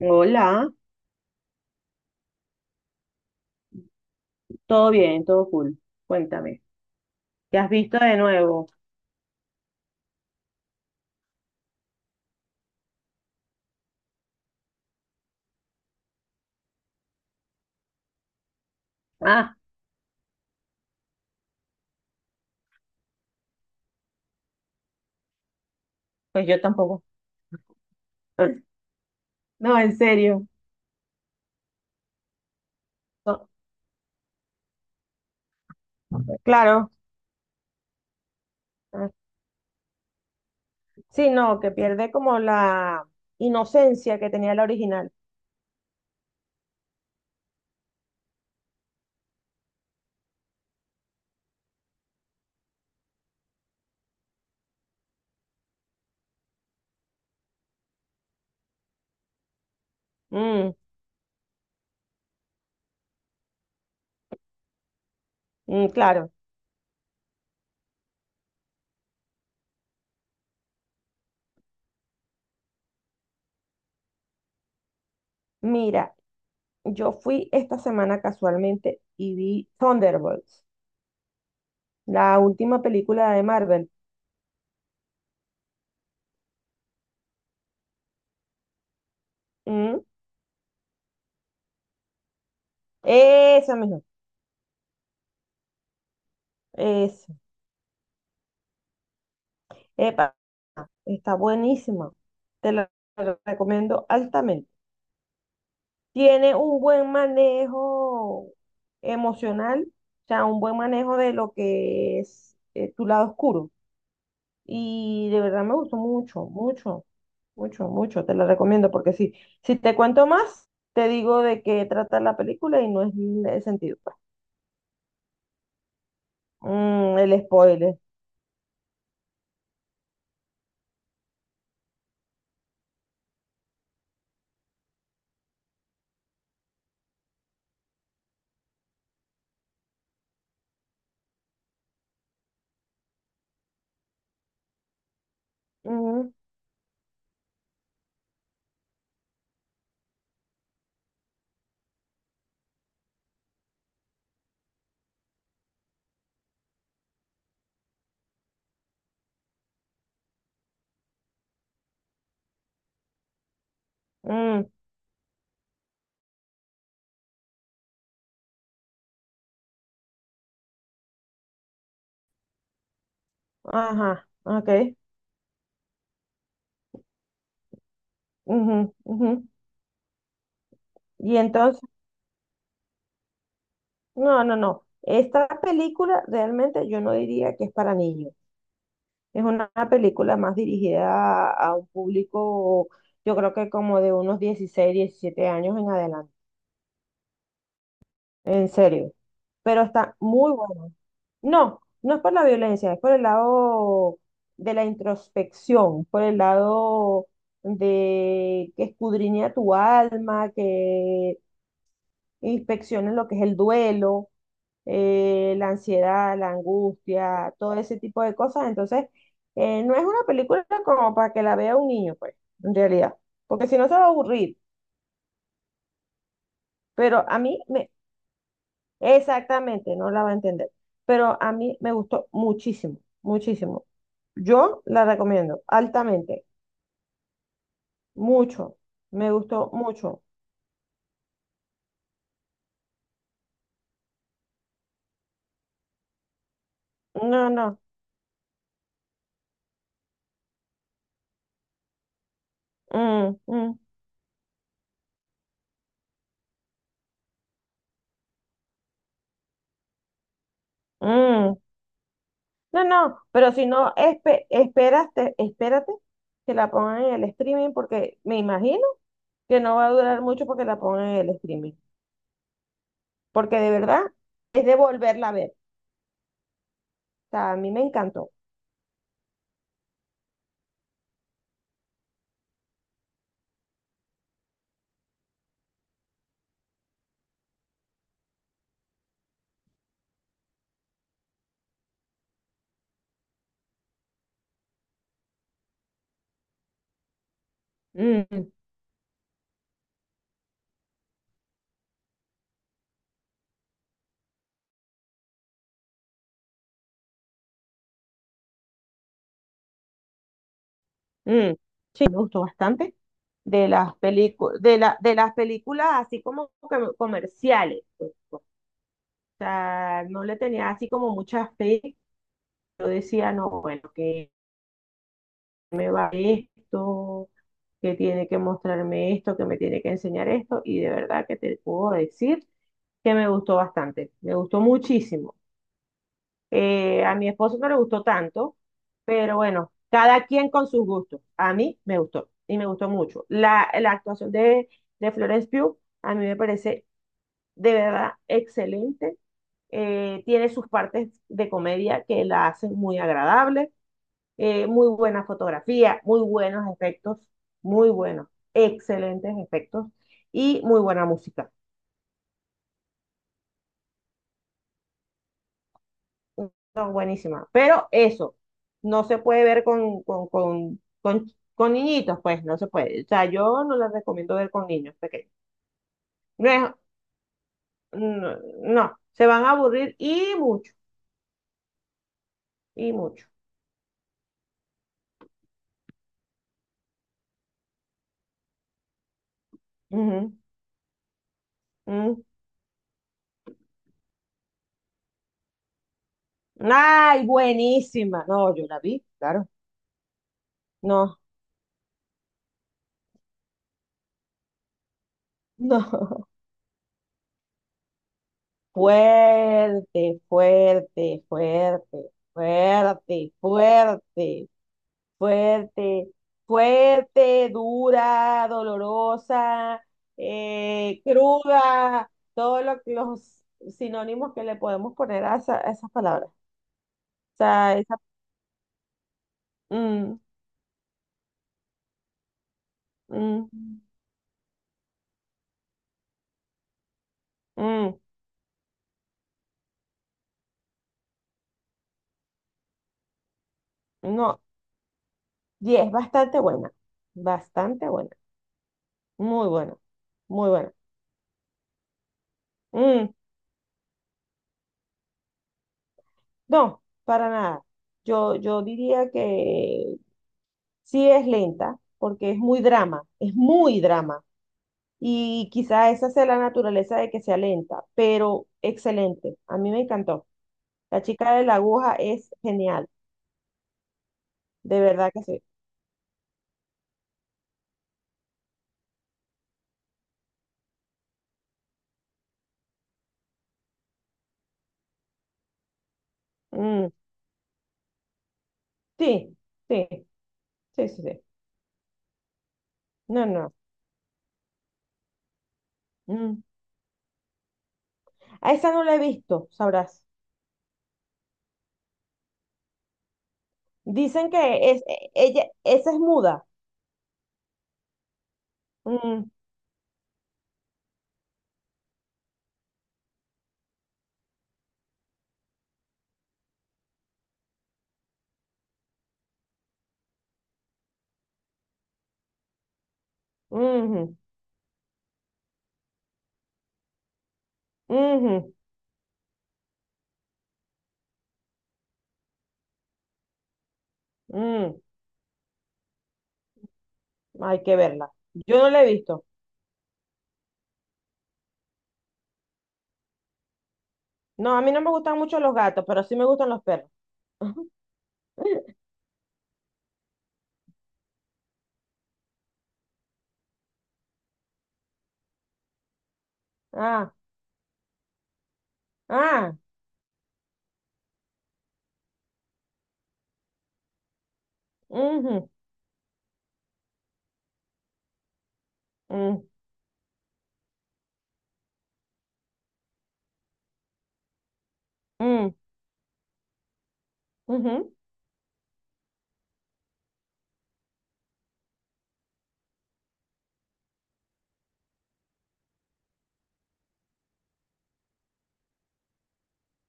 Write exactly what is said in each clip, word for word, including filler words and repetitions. Hola, todo bien, todo cool. Cuéntame, ¿qué has visto de nuevo? Ah, pues yo tampoco. No, en serio. No, claro. Ah, sí, no, que pierde como la inocencia que tenía la original. Mm, mm, claro. Mira, yo fui esta semana casualmente y vi Thunderbolts, la última película de Marvel. Mm, esa misma, esa. Epa, está buenísima. Te la la recomiendo altamente. Tiene un buen manejo emocional, o sea, un buen manejo de lo que es eh, tu lado oscuro. Y de verdad me gustó mucho, mucho, mucho, mucho. Te la recomiendo porque sí. Si te cuento más, te digo de qué trata la película y no es el sentido, pues. Mm, el spoiler. Ujú, mm, ajá, ok. Ujú, ujú. Y entonces, no, no, no. Esta película realmente yo no diría que es para niños. Es una película más dirigida a, a un público, yo creo que como de unos dieciséis diecisiete años en adelante, en serio. Pero está muy bueno. No, no es por la violencia, es por el lado de la introspección, por el lado de que escudriña tu alma, que inspeccione lo que es el duelo, eh, la ansiedad, la angustia, todo ese tipo de cosas. Entonces, eh, no es una película como para que la vea un niño, pues, en realidad, porque si no se va a aburrir. Pero a mí me, exactamente, no la va a entender. Pero a mí me gustó muchísimo, muchísimo. Yo la recomiendo altamente, mucho. Me gustó mucho. No, no. Mm, mm, mm. No, no, pero si no, espe- esperaste, espérate que la pongan en el streaming porque me imagino que no va a durar mucho porque la pongan en el streaming. Porque de verdad es de volverla a ver. O sea, a mí me encantó. Mm, mm. Sí, me gustó bastante. De las películas, de la, de las películas así como que comerciales, pues. O sea, no le tenía así como mucha fe. Yo decía, no, bueno, ¿que me va esto? Que tiene que mostrarme esto, que me tiene que enseñar esto, y de verdad que te puedo decir que me gustó bastante, me gustó muchísimo. Eh, a mi esposo no le gustó tanto, pero bueno, cada quien con sus gustos. A mí me gustó y me gustó mucho. La, la actuación de, de Florence Pugh a mí me parece de verdad excelente. Eh, tiene sus partes de comedia que la hacen muy agradable, eh, muy buena fotografía, muy buenos efectos, muy buenos, excelentes efectos y muy buena música. No, buenísima. Pero eso, no se puede ver con, con, con, con, con niñitos, pues no se puede. O sea, yo no les recomiendo ver con niños pequeños. No es, no, no, se van a aburrir y mucho, y mucho. Ujú, mm. Ay, buenísima. No, yo la vi, claro. No, no. Fuerte, fuerte, fuerte, fuerte, fuerte, fuerte, fuerte, dura, dolorosa, eh, cruda, todos lo- los sinónimos que le podemos poner a, esa- a esas palabras. O sea, esa, mm, mm, mm, no, y es bastante buena, bastante buena, muy buena, muy buena. Mm. No, para nada. Yo, yo diría que sí es lenta, porque es muy drama, es muy drama. Y quizá esa sea la naturaleza de que sea lenta, pero excelente. A mí me encantó. La chica de la aguja es genial, de verdad que sí. Mm, sí, sí, sí, sí, sí. No, no, mm. A esa no la he visto, sabrás. Dicen que es, e- ella, esa es muda. Mm, ujú, ujú, mm. Hay que verla. Yo no la he visto. No, a mí no me gustan mucho los gatos, pero sí me gustan los perros. Ah, ah, ujú, mm, mm, ujú,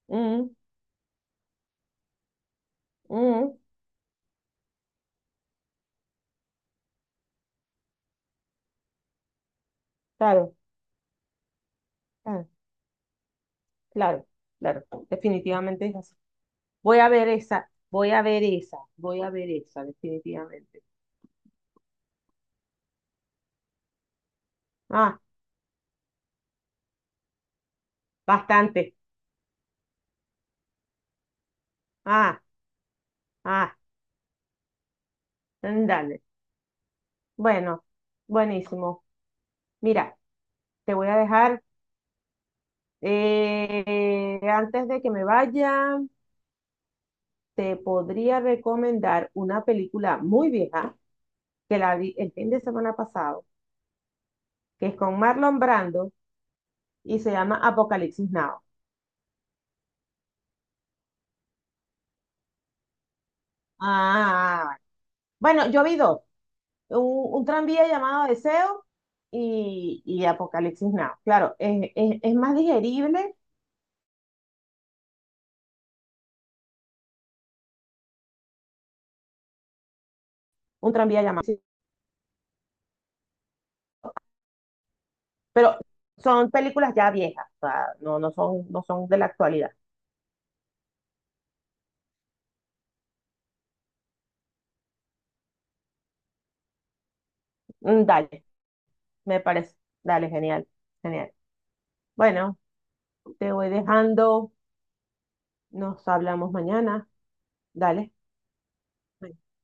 mm, mm, claro, ah, claro, claro, definitivamente es así. Voy a ver esa, voy a ver esa, voy a ver esa, definitivamente. Ah, bastante. Ah, ah, dale. Bueno, buenísimo. Mira, te voy a dejar, eh, antes de que me vaya. Te podría recomendar una película muy vieja que la vi el fin de semana pasado, que es con Marlon Brando y se llama Apocalipsis Now. Ah, bueno, yo vi dos, un, un tranvía llamado Deseo y, y Apocalipsis Now. Claro, es, es, es más digerible un tranvía llamado, sí, pero son películas ya viejas, o sea, no, no son, no son de la actualidad. Mm, dale, me parece, dale, genial, genial. Bueno, te voy dejando. Nos hablamos mañana. Dale.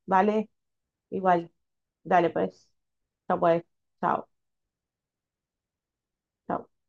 Vale, igual. Dale, pues. Chao, pues. Chao, chao.